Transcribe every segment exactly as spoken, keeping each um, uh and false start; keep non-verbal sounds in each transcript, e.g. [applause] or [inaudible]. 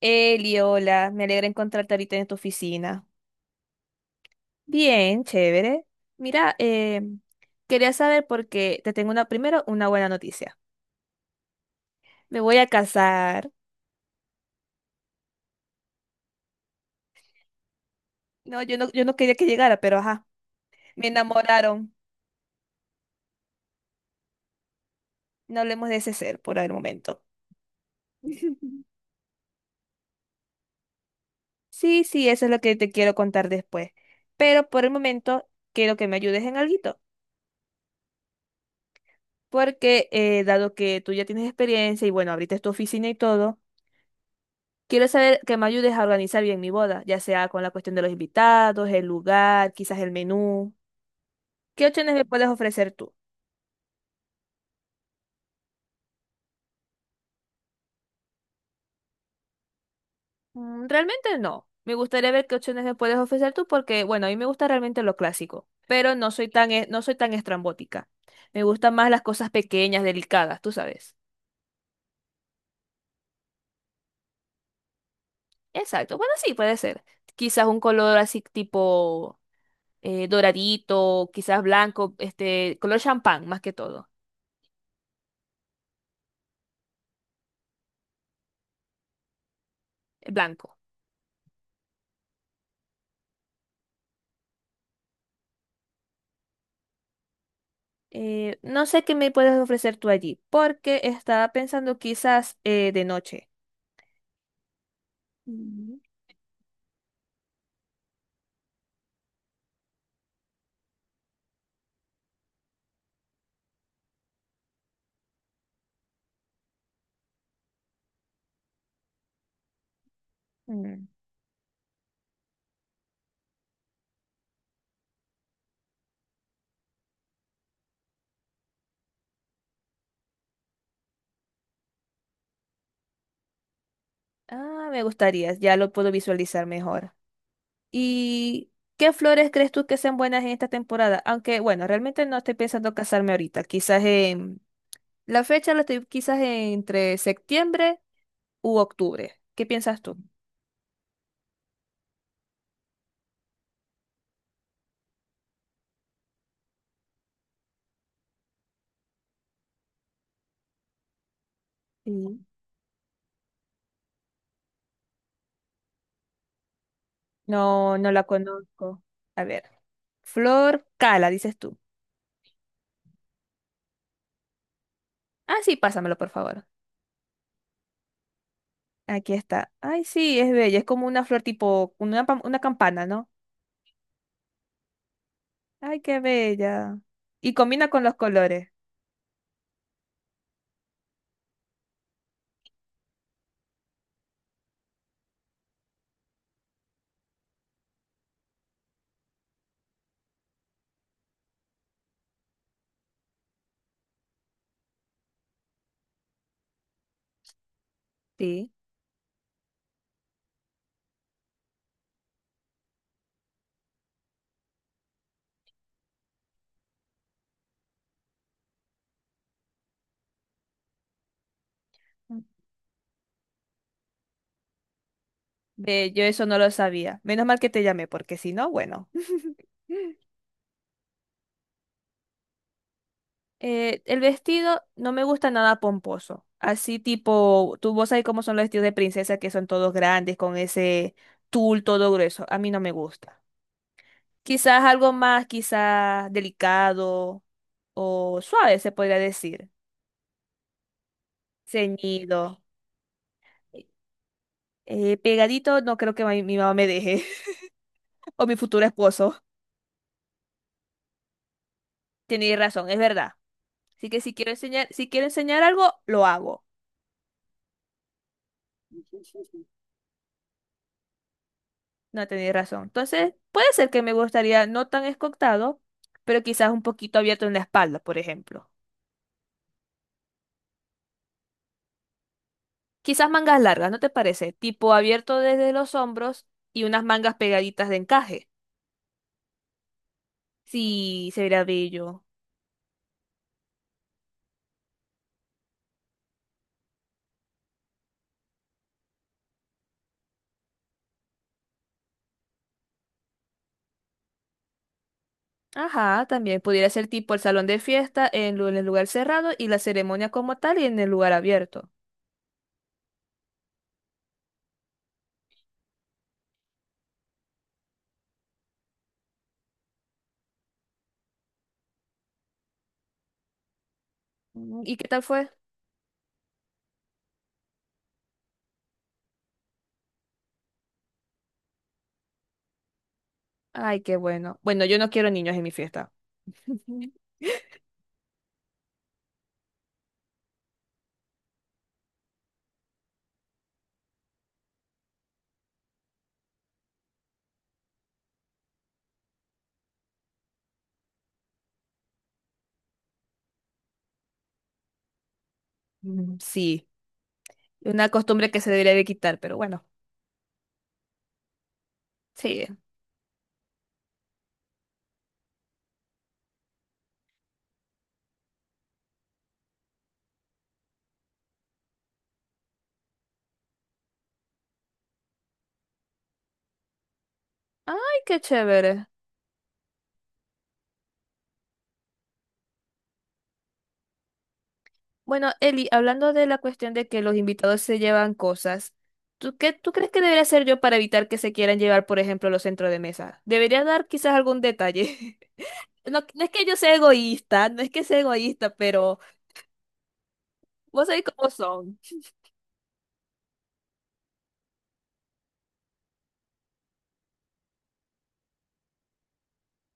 Eli, hola, me alegra encontrarte ahorita en tu oficina. Bien, chévere. Mira, eh, quería saber porque te tengo una, primero una buena noticia. Me voy a casar. No, yo no, yo no quería que llegara, pero ajá, me enamoraron. No hablemos de ese ser por el momento. [laughs] Sí, sí, eso es lo que te quiero contar después. Pero por el momento quiero que me ayudes en alguito, porque eh, dado que tú ya tienes experiencia y bueno, abriste tu oficina y todo, quiero saber que me ayudes a organizar bien mi boda, ya sea con la cuestión de los invitados, el lugar, quizás el menú. ¿Qué opciones me puedes ofrecer tú? Mm, realmente no. Me gustaría ver qué opciones me puedes ofrecer tú porque, bueno, a mí me gusta realmente lo clásico, pero no soy tan, e- no soy tan estrambótica. Me gustan más las cosas pequeñas, delicadas, tú sabes. Exacto. Bueno, sí, puede ser. Quizás un color así tipo eh, doradito, quizás blanco, este, color champán más que todo, eh, blanco. Eh, no sé qué me puedes ofrecer tú allí, porque estaba pensando quizás eh, de noche. Mm. Mm. Ah, me gustaría, ya lo puedo visualizar mejor. ¿Y qué flores crees tú que sean buenas en esta temporada? Aunque, bueno, realmente no estoy pensando casarme ahorita, quizás en... La fecha la estoy quizás entre septiembre u octubre. ¿Qué piensas tú? Sí. No, no la conozco. A ver, flor cala, dices tú. Ah, sí, pásamelo, por favor. Aquí está. Ay, sí, es bella. Es como una flor tipo, una, pam- una campana, ¿no? Ay, qué bella. Y combina con los colores. Sí. Mm. Ve, yo eso no lo sabía. Menos mal que te llamé, porque si no, bueno. [laughs] Eh, el vestido no me gusta nada pomposo. Así tipo, tú vos sabés cómo son los vestidos de princesa, que son todos grandes, con ese tul todo grueso. A mí no me gusta. Quizás algo más, quizás delicado o suave, se podría decir. Ceñido. Eh, pegadito, no creo que mi, mi mamá me deje. [laughs] O mi futuro esposo. Tenéis razón, es verdad. Así que si quiero enseñar, si quiero enseñar algo, lo hago. No tenéis razón. Entonces, puede ser que me gustaría no tan escotado, pero quizás un poquito abierto en la espalda, por ejemplo. Quizás mangas largas, ¿no te parece? Tipo abierto desde los hombros y unas mangas pegaditas de encaje. Sí, se vería bello. Ajá, también pudiera ser tipo el salón de fiesta en lu- en el lugar cerrado y la ceremonia como tal y en el lugar abierto. Mm, ¿y qué tal fue? Ay, qué bueno. Bueno, yo no quiero niños en mi fiesta. [laughs] Mm, sí, una costumbre que se debería de quitar, pero bueno, sí. Ay, qué chévere. Bueno, Eli, hablando de la cuestión de que los invitados se llevan cosas, ¿tú qué tú crees que debería hacer yo para evitar que se quieran llevar, por ejemplo, los centros de mesa? Debería dar quizás algún detalle. [laughs] No, no es que yo sea egoísta, no es que sea egoísta, pero vos sabés cómo son.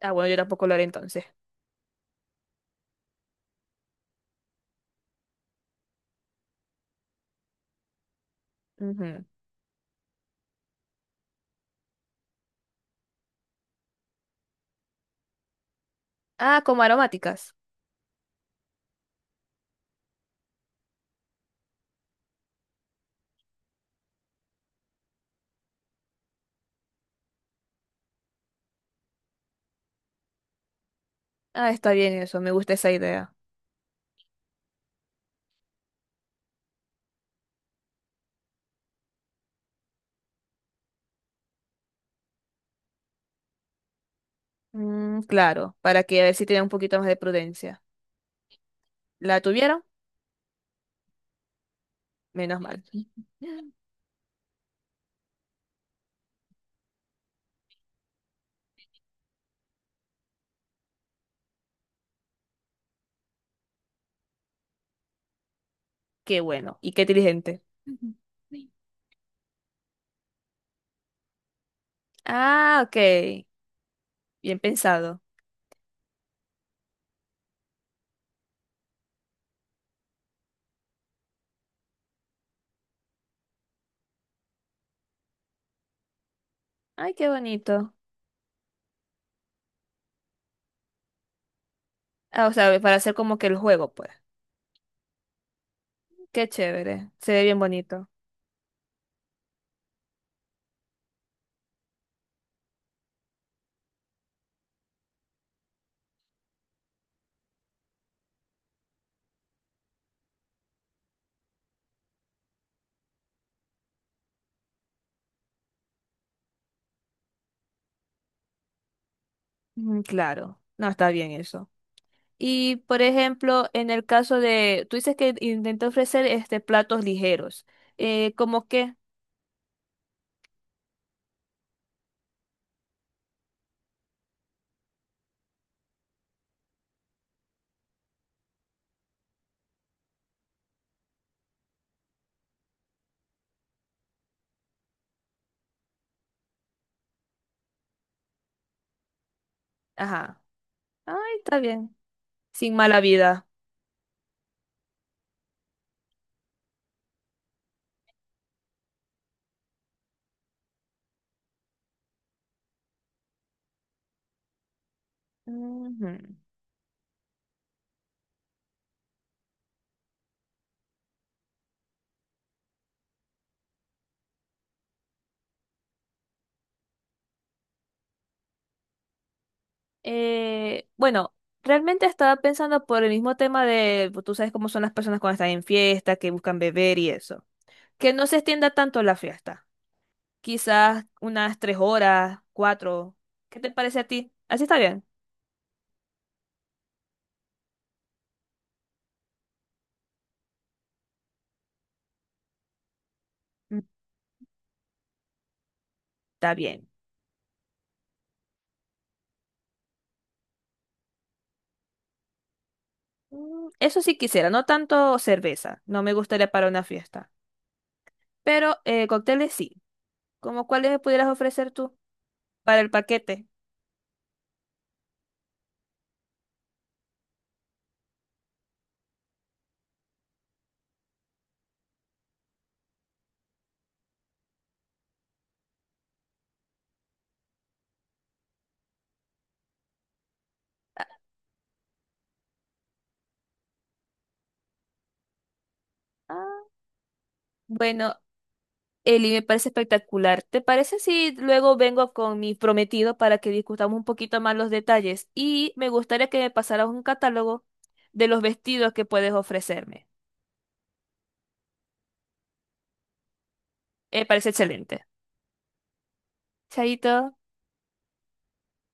Ah, bueno, yo tampoco lo haré entonces. Ujú. Ah, como aromáticas. Ah, está bien eso, me gusta esa idea. Mm, claro, para que a ver si tenía un poquito más de prudencia. ¿La tuvieron? Menos mal. Qué bueno y qué inteligente. Ah, ok. Bien pensado. Ay, qué bonito. Ah, o sea, para hacer como que el juego, pues. Qué chévere. Se ve bien bonito. Mm, claro. No, está bien eso. Y, por ejemplo, en el caso de, tú dices que intenté ofrecer este platos ligeros. Eh, ¿cómo qué? Ajá. Ay, está bien. Sin mala vida. Ujú. Eh, bueno, realmente estaba pensando por el mismo tema de, pues, tú sabes cómo son las personas cuando están en fiesta, que buscan beber y eso. Que no se extienda tanto la fiesta. Quizás unas tres horas, cuatro. ¿Qué te parece a ti? ¿Así está bien? Mm, está bien. Mm, eso sí quisiera, no tanto cerveza. No me gustaría para una fiesta. Pero eh, cócteles sí. ¿Cómo cuáles me pudieras ofrecer tú para el paquete? Ah, ah. Bueno, Eli, me parece espectacular. ¿Te parece si luego vengo con mi prometido para que discutamos un poquito más los detalles? Y me gustaría que me pasaras un catálogo de los vestidos que puedes ofrecerme. Me parece excelente. Chaito.